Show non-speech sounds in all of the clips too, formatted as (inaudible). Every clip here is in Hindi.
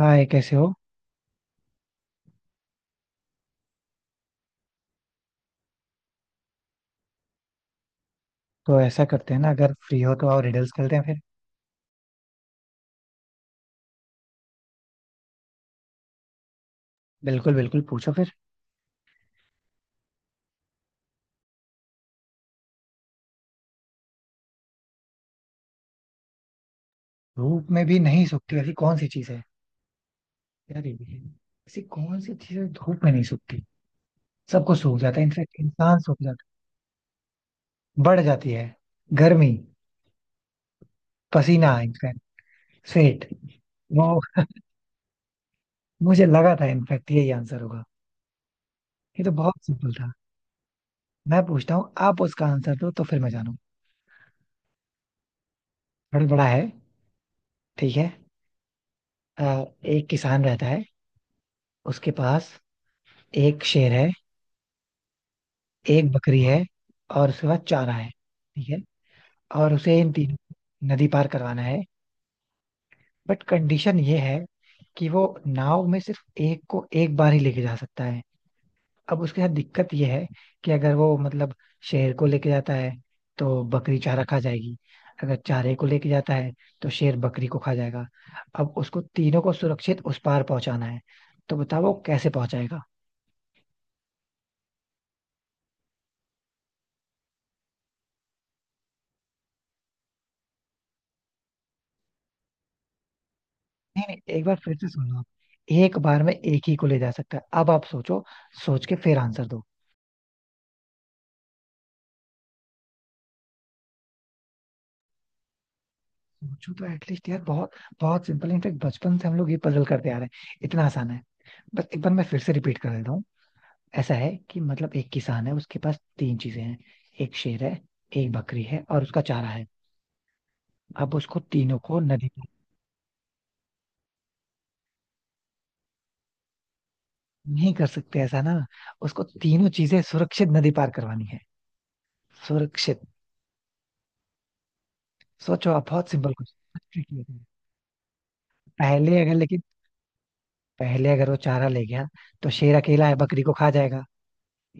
हाय, कैसे हो। तो ऐसा करते हैं ना, अगर फ्री हो तो आओ रिडल्स खेलते हैं फिर। बिल्कुल बिल्कुल, पूछो फिर। धूप में भी नहीं सूखती ऐसी कौन सी चीज है? यार ये भी है। ऐसी कौन सी चीज है धूप में नहीं सूखती? सबको सूख जाता है इनफैक्ट, इंसान सूख जाता है। बढ़ जाती है। गर्मी। पसीना इनफैक्ट। स्वेट। वो मुझे लगा था इनफैक्ट यही आंसर होगा। ये तो बहुत सिंपल था। मैं पूछता हूँ, आप उसका आंसर दो तो फिर मैं जानू। थोड़ा बड़ा है। ठीक है। एक किसान रहता है। उसके पास एक शेर है, एक बकरी है और उसके पास चारा है, ठीक है। और उसे इन तीनों को नदी पार करवाना है। बट कंडीशन ये है कि वो नाव में सिर्फ एक को एक बार ही लेके जा सकता है। अब उसके साथ दिक्कत ये है कि अगर वो मतलब शेर को लेके जाता है तो बकरी चारा खा जाएगी। अगर चारे को लेके जाता है तो शेर बकरी को खा जाएगा। अब उसको तीनों को सुरक्षित उस पार पहुंचाना है। तो बताओ वो कैसे पहुंचाएगा। नहीं, नहीं, एक बार फिर से सुन लो आप। एक बार में एक ही को ले जा सकता है, अब आप सोचो। सोच के फिर आंसर दो। सोचो तो एटलीस्ट यार, बहुत बहुत सिंपल इनफेक्ट, बचपन से हम लोग ये पजल करते आ रहे हैं, इतना आसान है। बस एक बार मैं फिर से रिपीट कर देता हूँ। ऐसा है कि मतलब एक किसान है, उसके पास तीन चीजें हैं। एक शेर है, एक बकरी है और उसका चारा है। अब उसको तीनों को नदी पार। नहीं कर सकते ऐसा ना। उसको तीनों चीजें सुरक्षित नदी पार करवानी है, सुरक्षित। सोचो आप, बहुत सिंपल कुछ tricky होता है। पहले अगर लेकिन पहले अगर वो चारा ले गया तो शेर अकेला है, बकरी को खा जाएगा।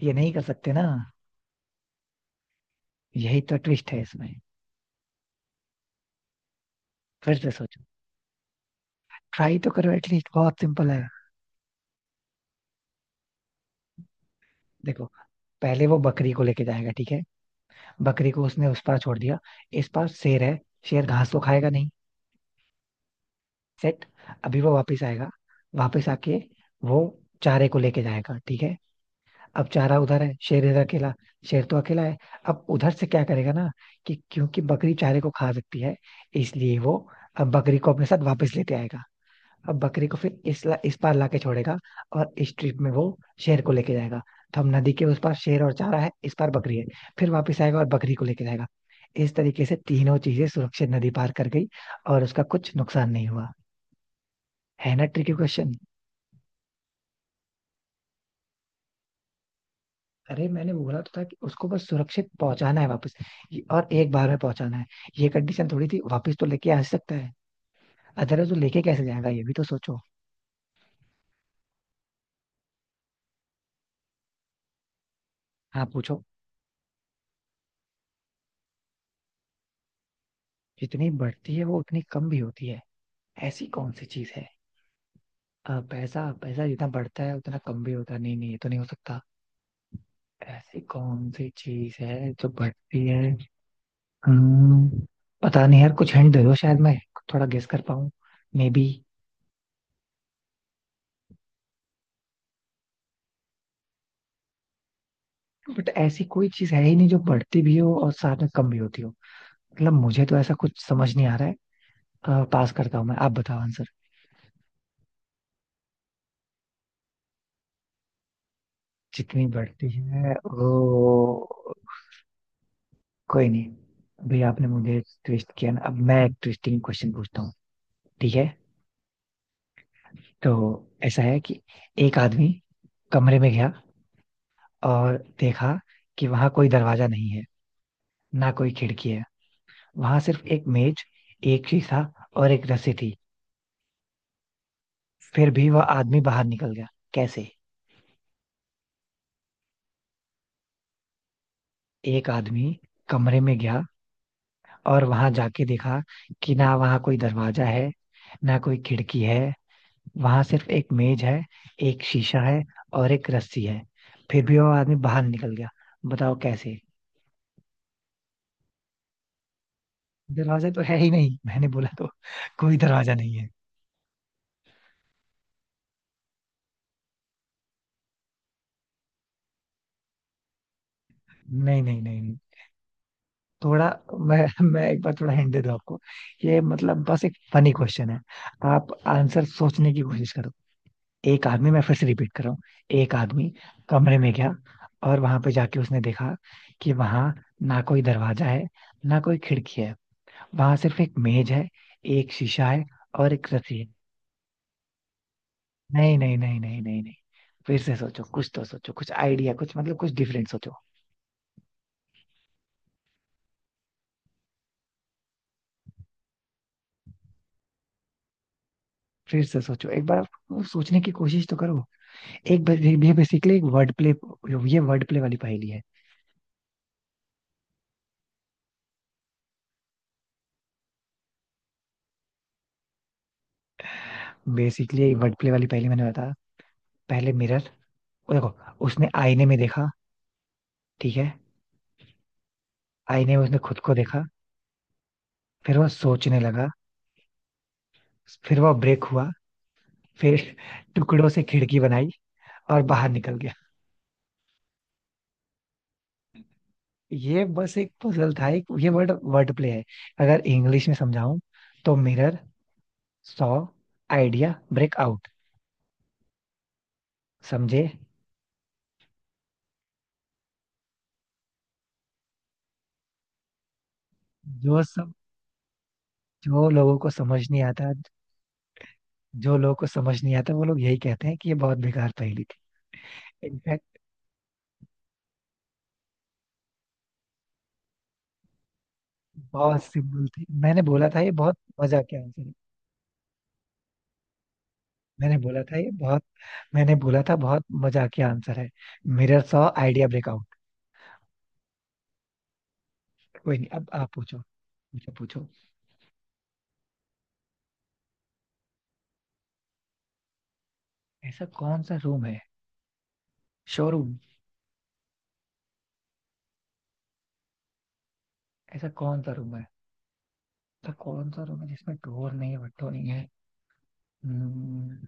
ये नहीं कर सकते ना, यही तो ट्विस्ट है इसमें। फिर से सोचो, ट्राई तो करो एटलीस्ट, बहुत सिंपल है। देखो, पहले वो बकरी को लेके जाएगा, ठीक है। बकरी को उसने उस पार छोड़ दिया। इस पार शेर है, शेर घास को खाएगा नहीं। सेट। अभी वो वापस आएगा, वापस आके वो चारे को लेके जाएगा, ठीक है। अब जा रहा उधर है, शेर इधर अकेला। शेर तो अकेला है। अब उधर से क्या करेगा ना कि क्योंकि बकरी चारे को खा सकती है, इसलिए वो अब बकरी को अपने साथ वापस लेते आएगा। अब बकरी को फिर इस पार लाके छोड़ेगा और इस ट्रिप में वो शेर को लेके जाएगा। तो हम नदी के उस पार शेर और चारा है, इस पार बकरी है। फिर वापस आएगा और बकरी को लेके जाएगा। इस तरीके से तीनों चीजें सुरक्षित नदी पार कर गई और उसका कुछ नुकसान नहीं हुआ। है ना ट्रिकी क्वेश्चन। अरे मैंने बोला तो था कि उसको बस सुरक्षित पहुंचाना है, वापस। और एक बार में पहुंचाना है, ये कंडीशन थोड़ी थी, वापस तो लेके आ सकता है। अदरवाइज वो लेके कैसे जाएगा, ये भी तो सोचो। हाँ, पूछो। जितनी बढ़ती है वो उतनी कम भी होती है, ऐसी कौन सी चीज है? पैसा, पैसा जितना बढ़ता है उतना कम भी होता है। नहीं नहीं, ये तो नहीं हो सकता। ऐसी कौन सी चीज है जो बढ़ती है। हम्म, पता नहीं यार, कुछ हिंट दे दो शायद मैं थोड़ा गेस कर पाऊँ, मे बी। बट ऐसी कोई चीज है ही नहीं जो बढ़ती भी हो और साथ में कम भी होती हो। मतलब मुझे तो ऐसा कुछ समझ नहीं आ रहा है। पास करता हूँ मैं, आप बताओ आंसर जितनी बढ़ती है वो कोई नहीं। अभी आपने मुझे ट्विस्ट किया ना, अब मैं एक ट्विस्टिंग क्वेश्चन पूछता हूँ, ठीक है। तो ऐसा है कि एक आदमी कमरे में गया और देखा कि वहां कोई दरवाजा नहीं है, ना कोई खिड़की है। वहां सिर्फ एक मेज, एक शीशा और एक रस्सी थी। फिर भी वह आदमी बाहर निकल गया, कैसे? एक आदमी कमरे में गया और वहां जाके देखा कि ना वहां कोई दरवाजा है, ना कोई खिड़की है। वहां सिर्फ एक मेज है, एक शीशा है और एक रस्सी है। फिर भी वो आदमी बाहर निकल गया, बताओ कैसे। दरवाजा तो है ही नहीं, मैंने बोला तो, कोई दरवाजा नहीं है। नहीं नहीं नहीं नहीं। थोड़ा मैं मैं एक बार थोड़ा हिंट दे दूं आपको। ये मतलब बस एक फनी क्वेश्चन है, आप आंसर सोचने की कोशिश। एक आदमी, मैं फिर से रिपीट कर रहा हूँ, एक आदमी कमरे में गया और वहां पे जाके उसने देखा कि वहां ना कोई दरवाजा है, ना कोई खिड़की है। वहां सिर्फ एक मेज है, एक शीशा है और एक रस्सी है। नहीं नहीं नहीं नहीं नहीं नहीं। फिर से सोचो, कुछ तो सोचो, कुछ आइडिया, कुछ मतलब कुछ डिफरेंट सोचो। फिर से सोचो एक बार, वो सोचने की कोशिश तो करो। एक बस- ये बेसिकली एक वर्ड प्ले, ये वर्ड प्ले वाली पहेली है। बेसिकली वर्ड प्ले वाली पहेली, मैंने बताया। पहले मिरर। देखो, उसने आईने में देखा, ठीक है। आईने में उसने खुद को देखा। फिर वह सोचने लगा, फिर वह ब्रेक हुआ। फिर टुकड़ों से खिड़की बनाई और बाहर निकल गया। ये बस एक पजल था, एक ये वर्ड वर्ड प्ले है। अगर इंग्लिश में समझाऊं, तो mirror saw idea break out, समझे? जो सब जो लोगों को समझ नहीं आता, जो लोगों को समझ नहीं आता वो लोग यही कहते हैं कि ये बहुत बेकार पहेली थी। इनफैक्ट बहुत सिंपल थी, मैंने बोला था ये बहुत मजाक के आंसर है। मैंने बोला था ये बहुत मैंने बोला था बहुत मजाकिया आंसर है। Mirror saw idea breakout. कोई नहीं, अब आप पूछो मुझे, पूछो। ऐसा कौन सा रूम है? शोरूम। ऐसा कौन सा रूम है? ऐसा कौन सा रूम है जिसमें डोर नहीं है, window नहीं है? हम्म,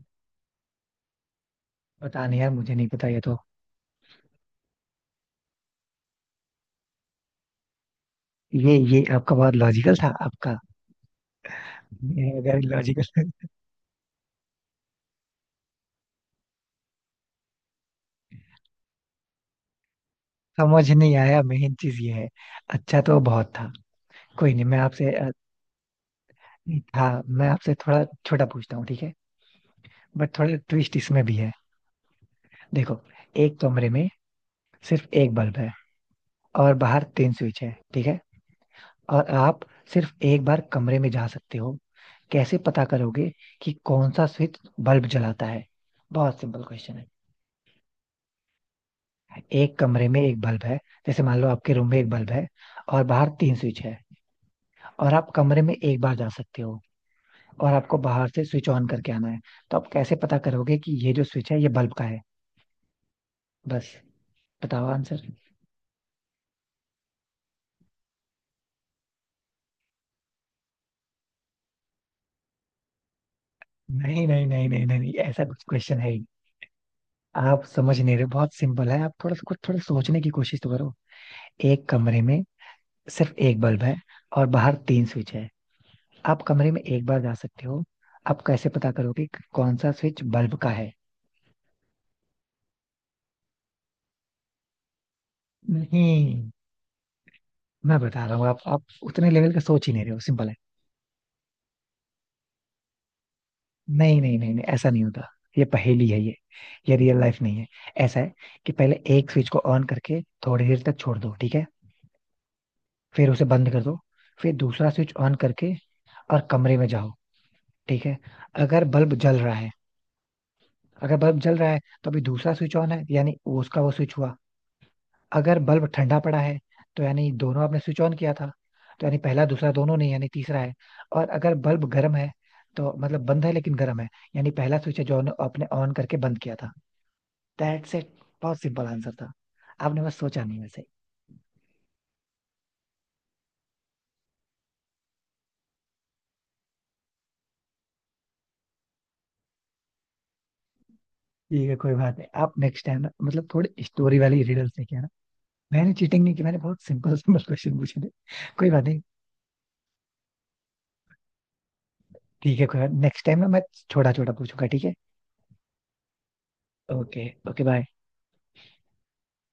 पता नहीं यार, मुझे नहीं पता, ये तो ये आपका बहुत लॉजिकल था, आपका ये अगर लॉजिकल। (laughs) समझ नहीं आया, मेन चीज ये है। अच्छा तो बहुत था। कोई नहीं, मैं आपसे था, मैं आपसे थोड़ा छोटा पूछता हूँ, ठीक है। बट थोड़ा ट्विस्ट इसमें भी है। देखो, एक कमरे में सिर्फ एक बल्ब है और बाहर तीन स्विच है, ठीक है। और आप सिर्फ एक बार कमरे में जा सकते हो, कैसे पता करोगे कि कौन सा स्विच बल्ब जलाता है? बहुत सिंपल क्वेश्चन है। एक कमरे में एक बल्ब है, जैसे मान लो आपके रूम में एक बल्ब है और बाहर तीन स्विच है। और आप कमरे में एक बार जा सकते हो और आपको बाहर से स्विच ऑन करके आना है। तो आप कैसे पता करोगे कि ये जो स्विच है ये बल्ब का है, बस बताओ आंसर। नहीं नहीं नहीं नहीं नहीं नहीं, ऐसा कुछ क्वेश्चन है, आप समझ नहीं रहे, बहुत सिंपल है, आप थोड़ा सा कुछ, थोड़ा सोचने की कोशिश तो करो। एक कमरे में सिर्फ एक बल्ब है और बाहर तीन स्विच है। आप कमरे में एक बार जा सकते हो, आप कैसे पता करोगे कि कौन सा स्विच बल्ब का है? नहीं, मैं बता रहा हूँ, आप उतने लेवल का सोच ही नहीं रहे हो, सिंपल है। नहीं नहीं नहीं नहीं, ऐसा नहीं होता, ये पहेली है, ये रियल लाइफ नहीं है। ऐसा है कि पहले एक स्विच को ऑन करके थोड़ी देर तक छोड़ दो, ठीक है। फिर उसे बंद कर दो, फिर दूसरा स्विच ऑन करके और कमरे में जाओ, ठीक है। अगर बल्ब जल रहा है, अगर बल्ब जल रहा है, तो अभी दूसरा स्विच ऑन है, यानी वो उसका, वो स्विच हुआ। अगर बल्ब ठंडा पड़ा है, तो यानी दोनों आपने स्विच ऑन किया था, तो यानी पहला दूसरा दोनों नहीं, यानी तीसरा है। और अगर बल्ब गर्म है, तो मतलब बंद है लेकिन गर्म है, यानी पहला स्विच है जो आपने आपने ऑन करके बंद किया था। That's it. बहुत सिंपल आंसर था, आपने बस सोचा नहीं वैसे ही। ठीक है, कोई बात नहीं, आप नेक्स्ट टाइम ना मतलब थोड़ी स्टोरी वाली रिडल्स लेके आना। मैंने चीटिंग नहीं की, मैंने बहुत सिंपल सिंपल क्वेश्चन पूछे थे। कोई बात नहीं। ठीक है, कोई नेक्स्ट टाइम ना, मैं छोटा छोटा पूछूंगा, ठीक है। Okay, okay, bye.